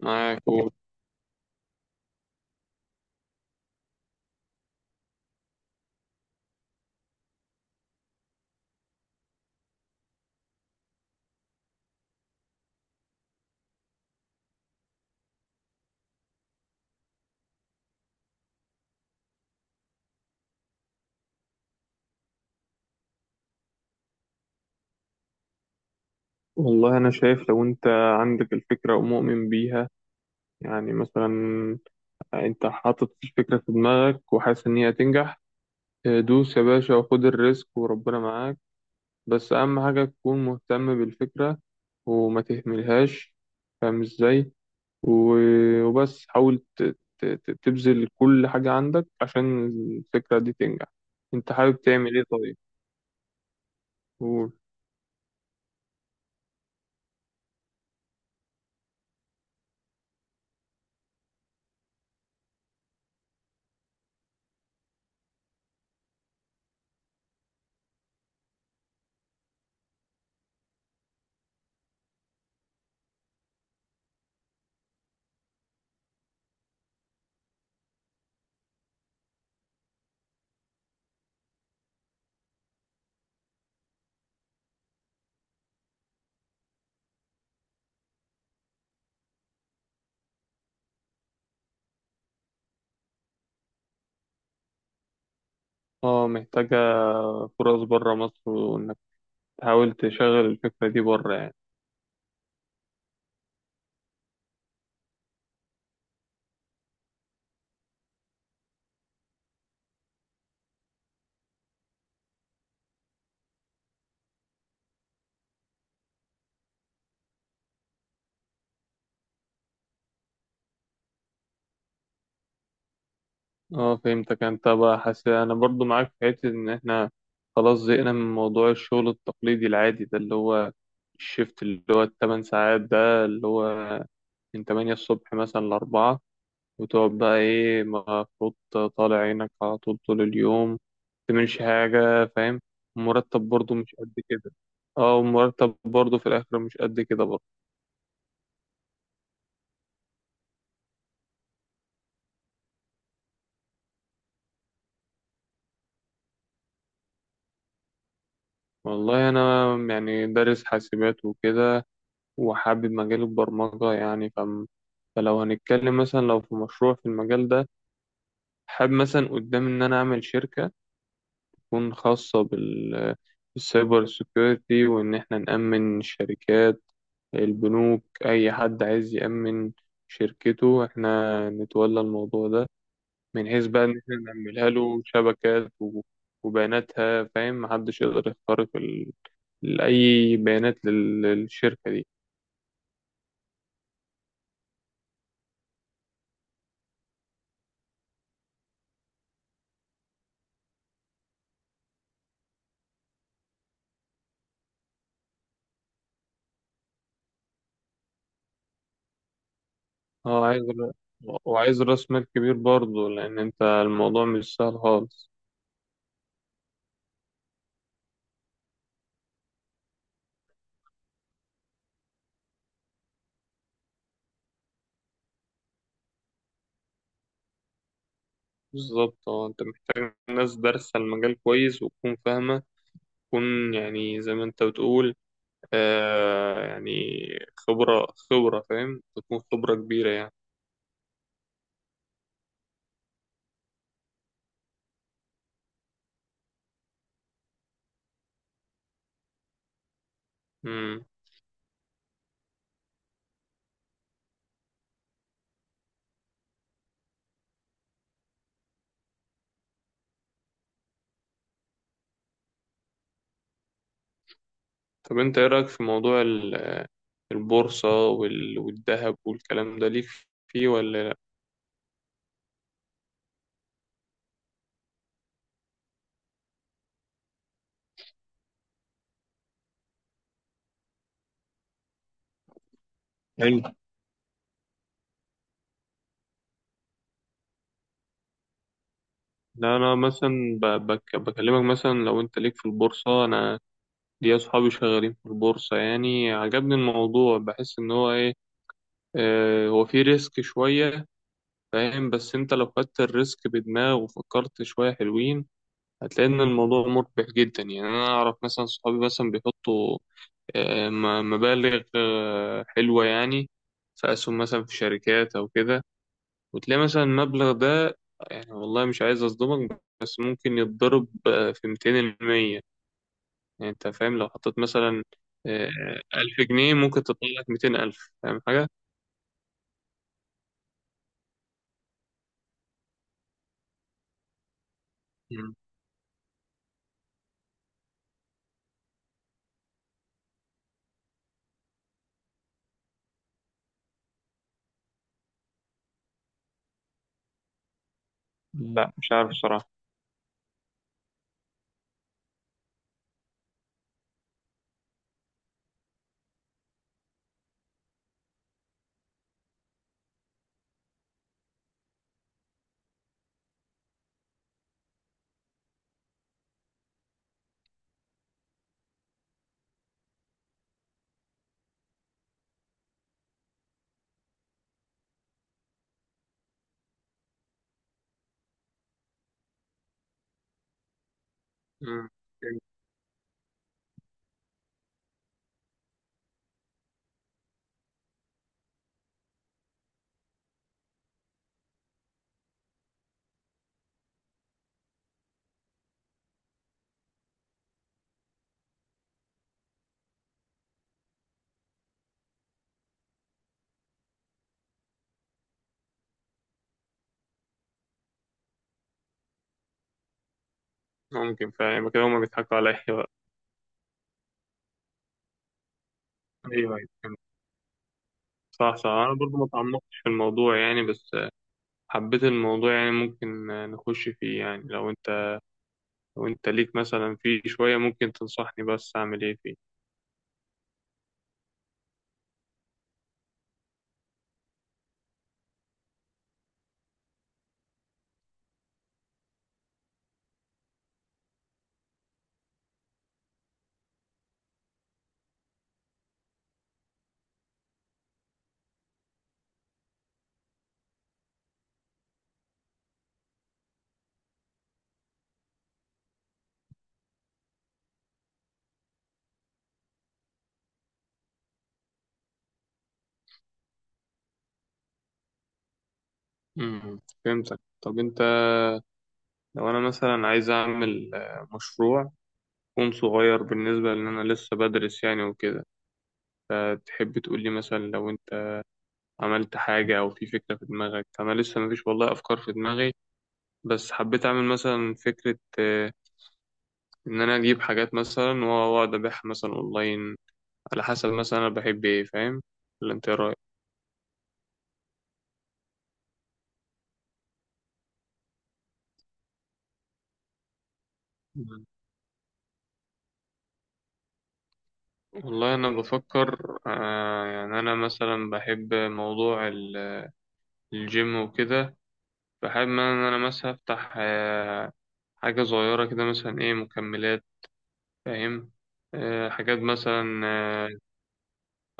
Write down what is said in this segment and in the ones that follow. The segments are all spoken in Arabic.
معاك قول. والله أنا شايف لو أنت عندك الفكرة ومؤمن بيها، يعني مثلا أنت حاطط الفكرة في دماغك وحاسس إن هي هتنجح. دوس يا باشا وخد الريسك وربنا معاك. بس أهم حاجة تكون مهتم بالفكرة وما تهملهاش، فاهم إزاي. وبس حاول تبذل كل حاجة عندك عشان الفكرة دي تنجح. أنت حابب تعمل إيه طيب؟ قول. اه، محتاجة فرص بره مصر، وإنك تحاول تشغل الفكرة دي بره يعني. اه فهمتك، انت بقى حاسس انا برضو معاك في حتة ان احنا خلاص زهقنا من موضوع الشغل التقليدي العادي ده، اللي هو الشيفت اللي هو التمن ساعات ده، اللي هو من 8 الصبح مثلا ل4، وتقعد بقى ايه مفروض طالع عينك على طول طول اليوم متعملش حاجة، فاهم. المرتب برضو مش قد كده. اه، والمرتب برضو في الآخر مش قد كده برضو. والله أنا يعني دارس حاسبات وكده، وحابب مجال البرمجة يعني، فلو هنتكلم مثلا لو في مشروع في المجال ده، حابب مثلا قدام إن أنا أعمل شركة تكون خاصة بالسايبر سيكيورتي، وإن إحنا نأمن الشركات، البنوك، أي حد عايز يأمن شركته إحنا نتولى الموضوع ده، من حيث بقى إن إحنا نعملها له شبكات وبياناتها، فاهم، محدش يقدر يخترق أي بيانات للشركة دي. اه عايز ر- وعايز راس مال كبير برضه، لان انت الموضوع مش سهل خالص. بالظبط، اه انت محتاج ناس دارسة المجال كويس وتكون فاهمة، تكون يعني زي ما انت بتقول، يعني خبرة خبرة، فاهم، تكون خبرة كبيرة يعني. مم. طب انت ايه رأيك في موضوع البورصة والذهب والكلام ده؟ ليك فيه ولا لا؟ حلو. لا، انا مثلا بكلمك مثلا لو انت ليك في البورصة، انا دي أصحابي شغالين في البورصة، يعني عجبني الموضوع، بحس إن هو إيه، هو فيه ريسك شوية، فاهم، بس أنت لو خدت الريسك بدماغ وفكرت شوية حلوين هتلاقي إن الموضوع مربح جدا، يعني أنا أعرف مثلا صحابي مثلا بيحطوا مبالغ حلوة يعني، في أسهم مثلا في شركات أو كده، وتلاقي مثلا المبلغ ده، يعني والله مش عايز أصدمك، بس ممكن يتضرب في 200%، يعني انت فاهم، لو حطيت مثلا آه، 1000 جنيه ممكن تطلع لك 200 ألف، فاهم حاجة؟ مم. لا مش عارف الصراحة. مم. ممكن، فاهم كده هما بيضحكوا عليا بقى. أيوه أيوه فهمت. صح صح، أنا برضو ما تعمقتش في الموضوع يعني، بس حبيت الموضوع يعني، ممكن نخش فيه يعني، لو أنت ليك مثلا فيه شوية ممكن تنصحني بس أعمل إيه فيه. مم. فهمتك. طب أنت لو أنا مثلا عايز أعمل مشروع يكون صغير بالنسبة، لأن أنا لسه بدرس يعني وكده، تحب تقول لي مثلا لو انت عملت حاجة او في فكرة في دماغك، انا لسه مفيش والله افكار في دماغي، بس حبيت اعمل مثلا فكرة، ان انا اجيب حاجات مثلا واقعد ابيعها مثلا اونلاين، على حسب مثلا انا بحب ايه، فاهم، ولا انت إيه رايك؟ مم. والله انا بفكر، يعني انا مثلا بحب موضوع الجيم وكده، فحابب ان انا مثلا افتح حاجة صغيرة كده، مثلا ايه، مكملات، فاهم، حاجات مثلا،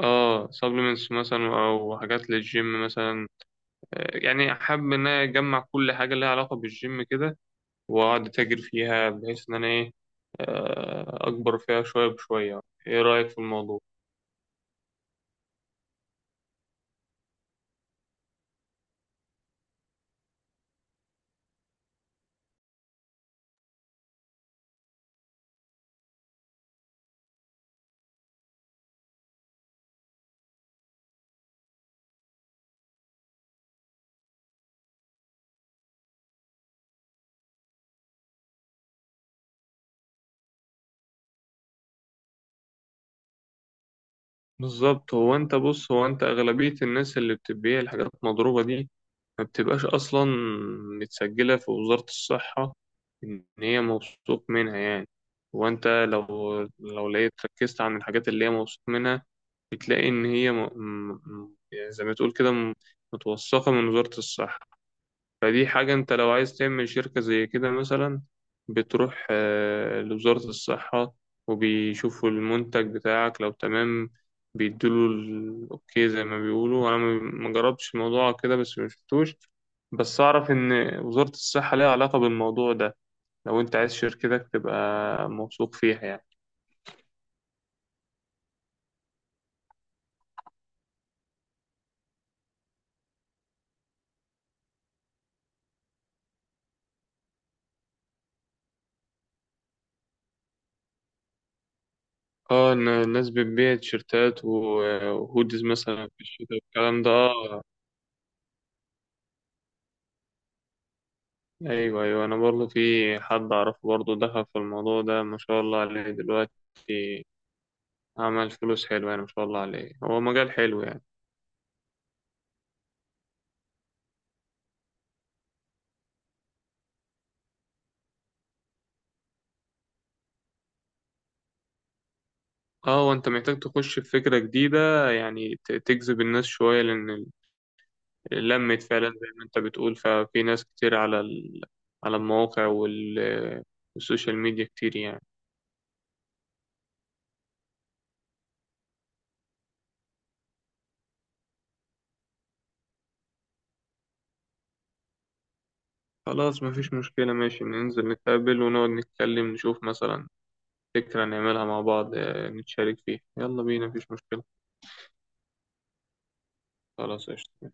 اه سبلمنتس مثلا او حاجات للجيم مثلا، يعني حابب ان انا اجمع كل حاجه لها علاقه بالجيم كده، واقعد اتاجر فيها بحيث ان انا ايه، اكبر فيها شويه بشويه، ايه رايك في الموضوع؟ بالظبط، هو انت اغلبيه الناس اللي بتبيع الحاجات المضروبه دي ما بتبقاش اصلا متسجله في وزاره الصحه، ان هي موثوق منها يعني، وانت لو لقيت ركزت عن الحاجات اللي هي موثوق منها، بتلاقي إن هي يعني زي ما تقول كده متوثقة من وزارة الصحة، فدي حاجة أنت لو عايز تعمل شركة زي كده مثلا، بتروح لوزارة الصحة وبيشوفوا المنتج بتاعك، لو تمام بيدوله الأوكي زي ما بيقولوا، أنا ما جربتش الموضوع كده، بس ما شفتوش، بس أعرف إن وزارة الصحة ليها علاقة بالموضوع ده، لو أنت عايز شركتك تبقى موثوق فيها يعني. اه، إن الناس بتبيع تيشيرتات وهوديز مثلا في الشتاء والكلام ده، اه. ايوه ايوه، انا برضه في حد اعرفه برضه دخل في الموضوع ده، ما شاء الله عليه، دلوقتي عمل فلوس حلوة يعني، ما شاء الله عليه، هو مجال حلو يعني. اه، وانت محتاج تخش بفكرة جديدة يعني، تجذب الناس شوية، لان لمت فعلا زي ما انت بتقول، ففي ناس كتير على على المواقع والسوشيال ميديا كتير يعني. خلاص مفيش مشكلة، ماشي، ننزل نتقابل ونقعد نتكلم نشوف مثلا فكرة نعملها مع بعض، نتشارك فيها، يلا بينا مفيش مشكلة. خلاص قشطة.